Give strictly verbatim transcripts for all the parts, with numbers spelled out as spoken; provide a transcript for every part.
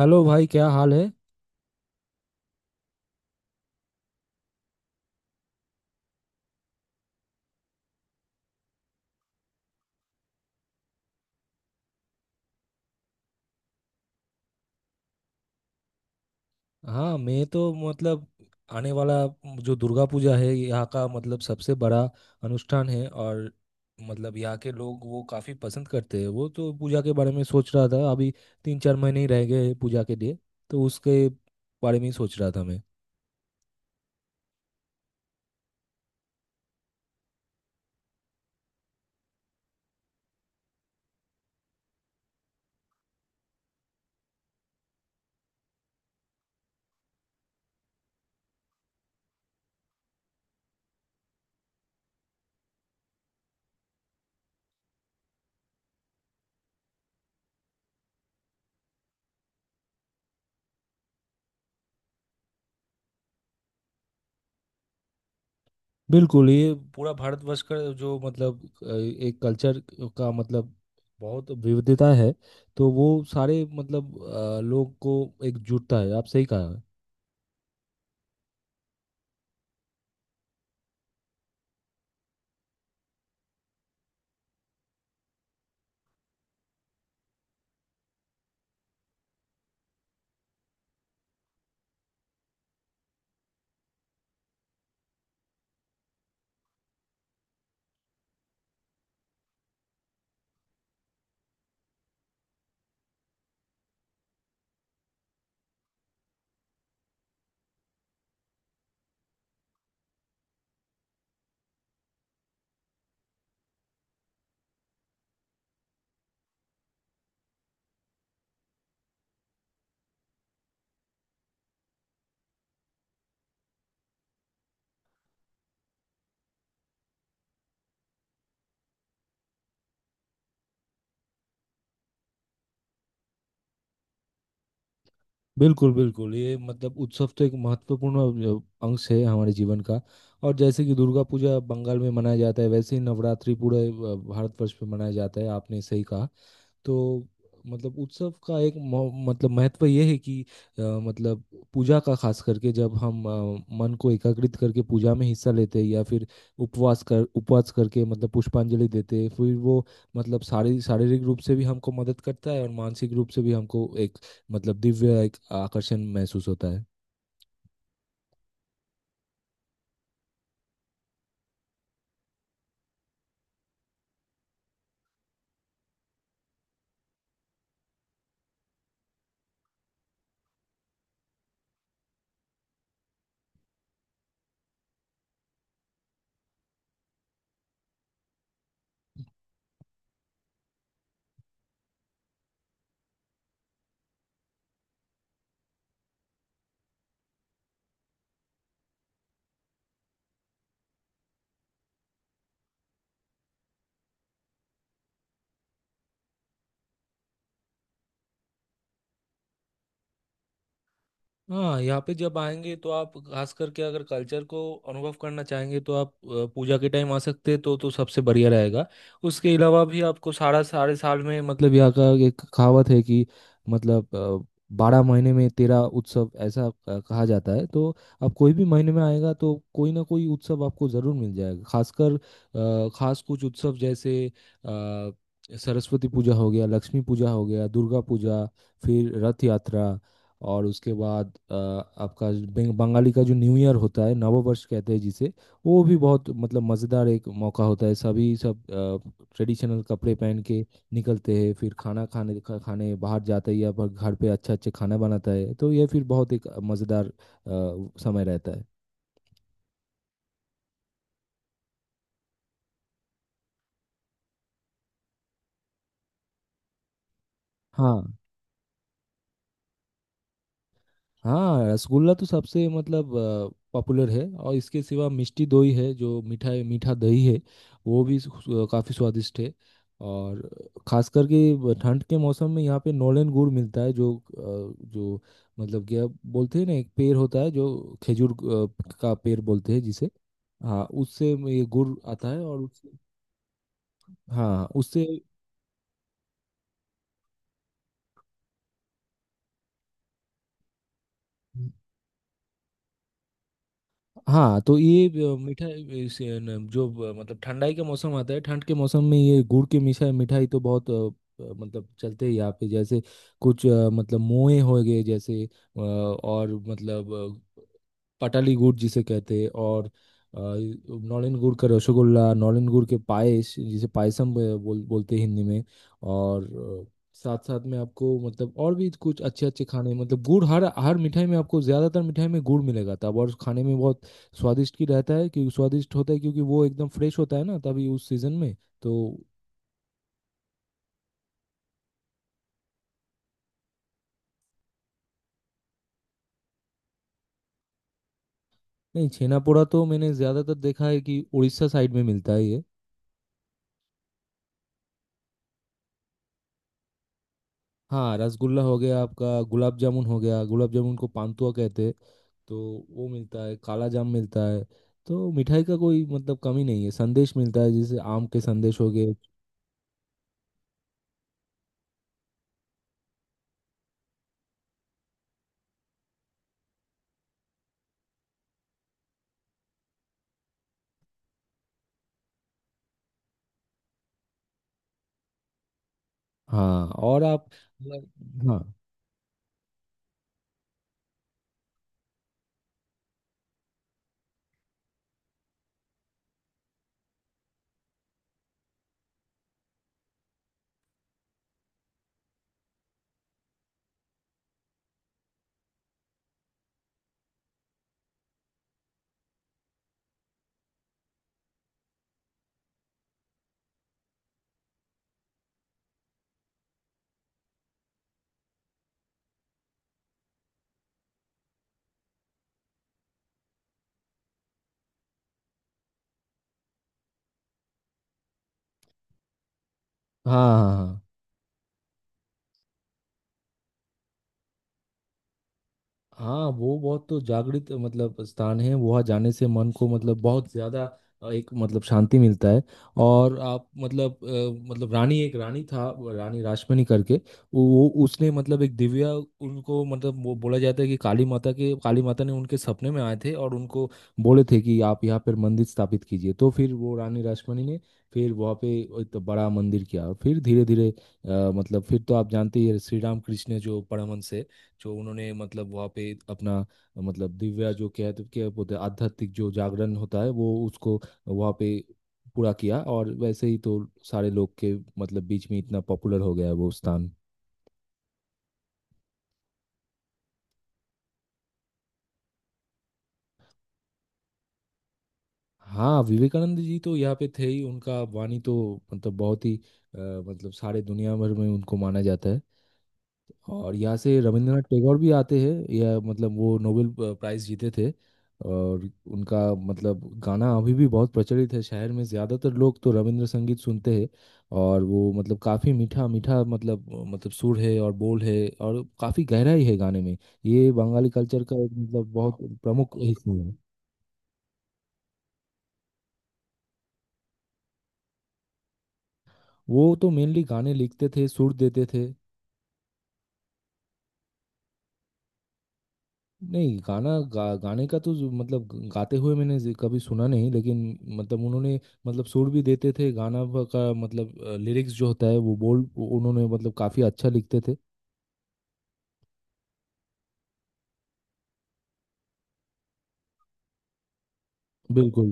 Hello भाई, क्या हाल है। हाँ, मैं तो मतलब आने वाला जो दुर्गा पूजा है यहाँ का, मतलब सबसे बड़ा अनुष्ठान है, और मतलब यहाँ के लोग वो काफ़ी पसंद करते हैं। वो तो पूजा के बारे में सोच रहा था अभी। तीन चार महीने ही रह गए हैं पूजा के लिए, तो उसके बारे में ही सोच रहा था मैं। बिल्कुल, ये पूरा भारतवर्ष का जो मतलब अ, एक कल्चर का मतलब बहुत विविधता है। तो वो सारे मतलब अ, लोग को एकजुटता है। आप सही कहा। बिल्कुल बिल्कुल, ये मतलब उत्सव तो एक महत्वपूर्ण अ, अंश है हमारे जीवन का। और जैसे कि दुर्गा पूजा बंगाल में मनाया जाता है, वैसे ही नवरात्रि पूरे अ, भारतवर्ष में मनाया जाता है। आपने सही कहा। तो मतलब उत्सव का एक मौ- मतलब महत्व यह है कि अ, मतलब पूजा का, खास करके जब हम अ, मन को एकाग्रित करके पूजा में हिस्सा लेते हैं या फिर उपवास कर उपवास करके मतलब पुष्पांजलि देते हैं, फिर वो मतलब शारी शारीरिक रूप से भी हमको मदद करता है और मानसिक रूप से भी हमको एक मतलब दिव्य एक आकर्षण महसूस होता है। हाँ, यहाँ पे जब आएंगे तो आप, खास करके अगर कल्चर को अनुभव करना चाहेंगे, तो आप अ, पूजा के टाइम आ सकते हैं, तो तो सबसे बढ़िया रहेगा। उसके अलावा भी आपको सारा सारे साल में मतलब यहाँ का एक कहावत है कि, मतलब अ, बारह महीने में तेरह उत्सव ऐसा अ, कहा जाता है। तो आप कोई भी महीने में आएगा तो कोई ना कोई उत्सव आपको ज़रूर मिल जाएगा। खासकर अ, खास कुछ उत्सव जैसे अ, सरस्वती पूजा हो गया, लक्ष्मी पूजा हो गया, दुर्गा पूजा, फिर रथ यात्रा, और उसके बाद अ, आपका जो बंग- बंगाली का जो न्यू ईयर होता है, नववर्ष कहते हैं जिसे। वो भी बहुत मतलब मज़ेदार एक मौका होता है। सभी सब ट्रेडिशनल कपड़े पहन के निकलते हैं, फिर खाना खाने खा, खाने बाहर जाते हैं या फिर घर पे अच्छा अच्छा खाना बनाता है। तो ये फिर बहुत एक मज़ेदार अ, समय रहता है। हाँ। हाँ, रसगुल्ला तो सबसे मतलब पॉपुलर है, और इसके सिवा मिष्टी दोई है जो मीठा मीठा दही है, वो भी काफ़ी स्वादिष्ट है। और खास करके ब- ठंड के मौसम में यहाँ पे नॉलेन गुड़ मिलता है, जो अ, जो मतलब क्या बोलते हैं ना, एक पेड़ होता है जो खजूर अ, का पेड़ बोलते हैं जिसे। हाँ, उससे ये गुड़ आता है, और उससे। हाँ उससे। हाँ, तो ये अ, मिठाई इस, अ, न- जो अ, मतलब ठंडाई का मौसम आता है, ठंड के मौसम में ये गुड़ की मिठाई मिठाई तो बहुत अ, अ, मतलब चलते हैं यहाँ पे, जैसे कुछ अ, मतलब मोए हो गए, जैसे अ, और मतलब अ, पटाली गुड़ जिसे कहते हैं, और अ, नौलन गुड़ का रसगुल्ला, नौलन गुड़ के पायस जिसे पायसम ब- बोल बोलते हैं हिंदी में। और अ, साथ साथ में आपको मतलब और भी कुछ अच्छे अच्छे खाने, मतलब गुड़ हर हर मिठाई में, आपको ज़्यादातर मिठाई में गुड़ मिलेगा, तब। और खाने में बहुत स्वादिष्ट की रहता है क्योंकि स्वादिष्ट होता है, क्योंकि वो एकदम फ्रेश होता है ना तभी उस सीजन में। तो। नहीं, छेना पोड़ा तो मैंने ज़्यादातर देखा है कि उड़ीसा साइड में मिलता है ये। हाँ, रसगुल्ला हो गया, आपका गुलाब जामुन हो गया, गुलाब जामुन को पानतुआ कहते हैं, तो वो मिलता है, काला जाम मिलता है। तो मिठाई का कोई मतलब कमी नहीं है, संदेश मिलता है, जैसे आम के संदेश हो गए। हाँ और आप। हाँ हाँ हाँ। हाँ हाँ। वो बहुत तो जागृत मतलब स्थान है, वहाँ जाने से मन को मतलब बहुत ज्यादा अ, एक मतलब शांति मिलता है। और आप मतलब अ, मतलब रानी, एक रानी था वो, रानी रासमणी करके। वो वो- उसने मतलब एक दिव्या उनको, मतलब वो बोला जाता है कि काली माता के काली माता ने उनके सपने में आए थे और उनको बोले थे कि आप यहाँ पर मंदिर स्थापित कीजिए। तो फिर वो रानी रासमणी ने फिर वहाँ पे एक बड़ा मंदिर किया, और फिर धीरे धीरे अ, मतलब फिर तो आप जानते ही हैं श्री राम कृष्ण जो परमहंस है, जो उन्होंने मतलब वहाँ पे अपना मतलब दिव्या जो कहते क्या बोलते हैं, आध्यात्मिक जो जागरण होता है वो उसको वहाँ पे पूरा किया। और वैसे ही तो सारे लोग के मतलब बीच में इतना पॉपुलर हो गया है वो स्थान। हाँ, विवेकानंद जी तो यहाँ पे थे ही, उनका वाणी तो मतलब बहुत ही अ, मतलब सारे दुनिया भर में उनको माना जाता है। और यहाँ से रविंद्रनाथ टैगोर भी आते हैं, या मतलब वो नोबेल प- प्राइज जीते थे। और उनका मतलब गाना अभी भी बहुत प्रचलित है शहर में, ज़्यादातर लोग तो रविंद्र संगीत सुनते हैं, और वो मतलब काफ़ी मीठा मीठा मतलब मतलब सुर है और बोल है और काफ़ी गहराई है गाने में। ये बंगाली कल्चर का एक मतलब बहुत प्रमुख हिस्सा है। वो तो मेनली गाने लिखते थे, सुर देते थे। नहीं, गाना गा, गाने का तो जो- मतलब ग- गाते हुए मैंने जे- कभी सुना नहीं, लेकिन मतलब उन्होंने मतलब सुर भी देते थे, गाना व- का मतलब लिरिक्स जो होता है वो बोल, वो उन्होंने मतलब काफी अच्छा लिखते थे। बिल्कुल।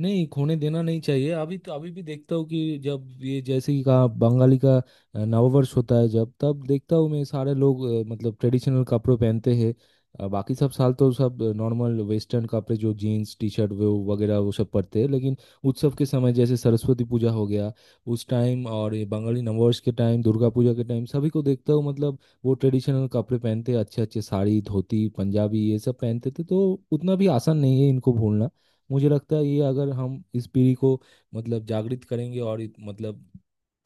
नहीं खोने देना नहीं चाहिए, अभी तो अभी भी देखता हूँ कि जब ये, जैसे कि कहा बंगाली का अ, नववर्ष होता है जब, तब देखता हूँ मैं सारे लोग अ, मतलब ट्रेडिशनल कपड़े पहनते हैं। अ, बाकी सब साल तो सब नॉर्मल वेस्टर्न कपड़े, जो जीन्स टी शर्ट वो वगैरह वो सब पहनते हैं, लेकिन उत्सव के समय, जैसे सरस्वती पूजा हो गया, उस टाइम, और ये बंगाली नववर्ष के टाइम, दुर्गा पूजा के टाइम, सभी को देखता हूँ मतलब वो ट्रेडिशनल कपड़े पहनते हैं, अच्छे अच्छे साड़ी, धोती, पंजाबी ये सब पहनते थे। तो उतना भी आसान नहीं है इनको भूलना। मुझे लगता है ये, अगर हम इस पीढ़ी को मतलब जागृत करेंगे और इत- मतलब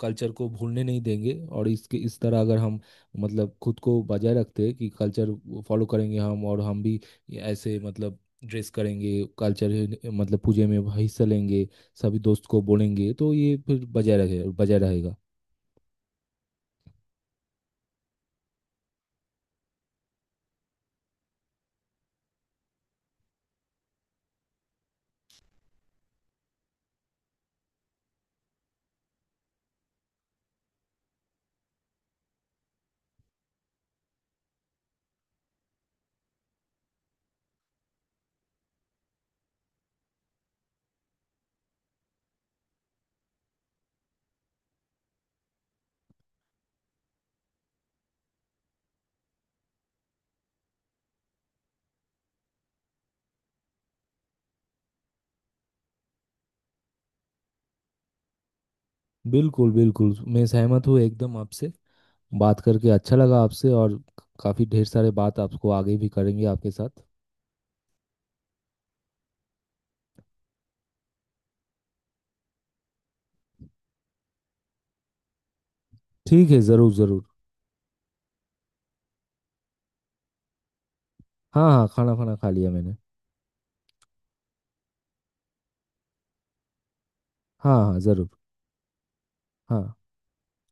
कल्चर को भूलने नहीं देंगे, और इसके इस तरह अगर हम मतलब खुद को बजाय रखते हैं कि कल्चर फॉलो करेंगे हम, और हम भी ऐसे मतलब ड्रेस करेंगे, कल्चर मतलब पूजे में हिस्सा लेंगे, सभी दोस्त को बोलेंगे, तो ये फिर बजाय रहे बजाय रहेगा। बिल्कुल बिल्कुल, मैं सहमत हूँ एकदम आपसे। बात करके अच्छा लगा आपसे, और काफ़ी ढेर सारे बात आपको आगे भी करेंगे आपके साथ। ठीक है, ज़रूर ज़रूर। हाँ हाँ, खाना खाना खा लिया मैंने। हाँ हाँ ज़रूर। हाँ।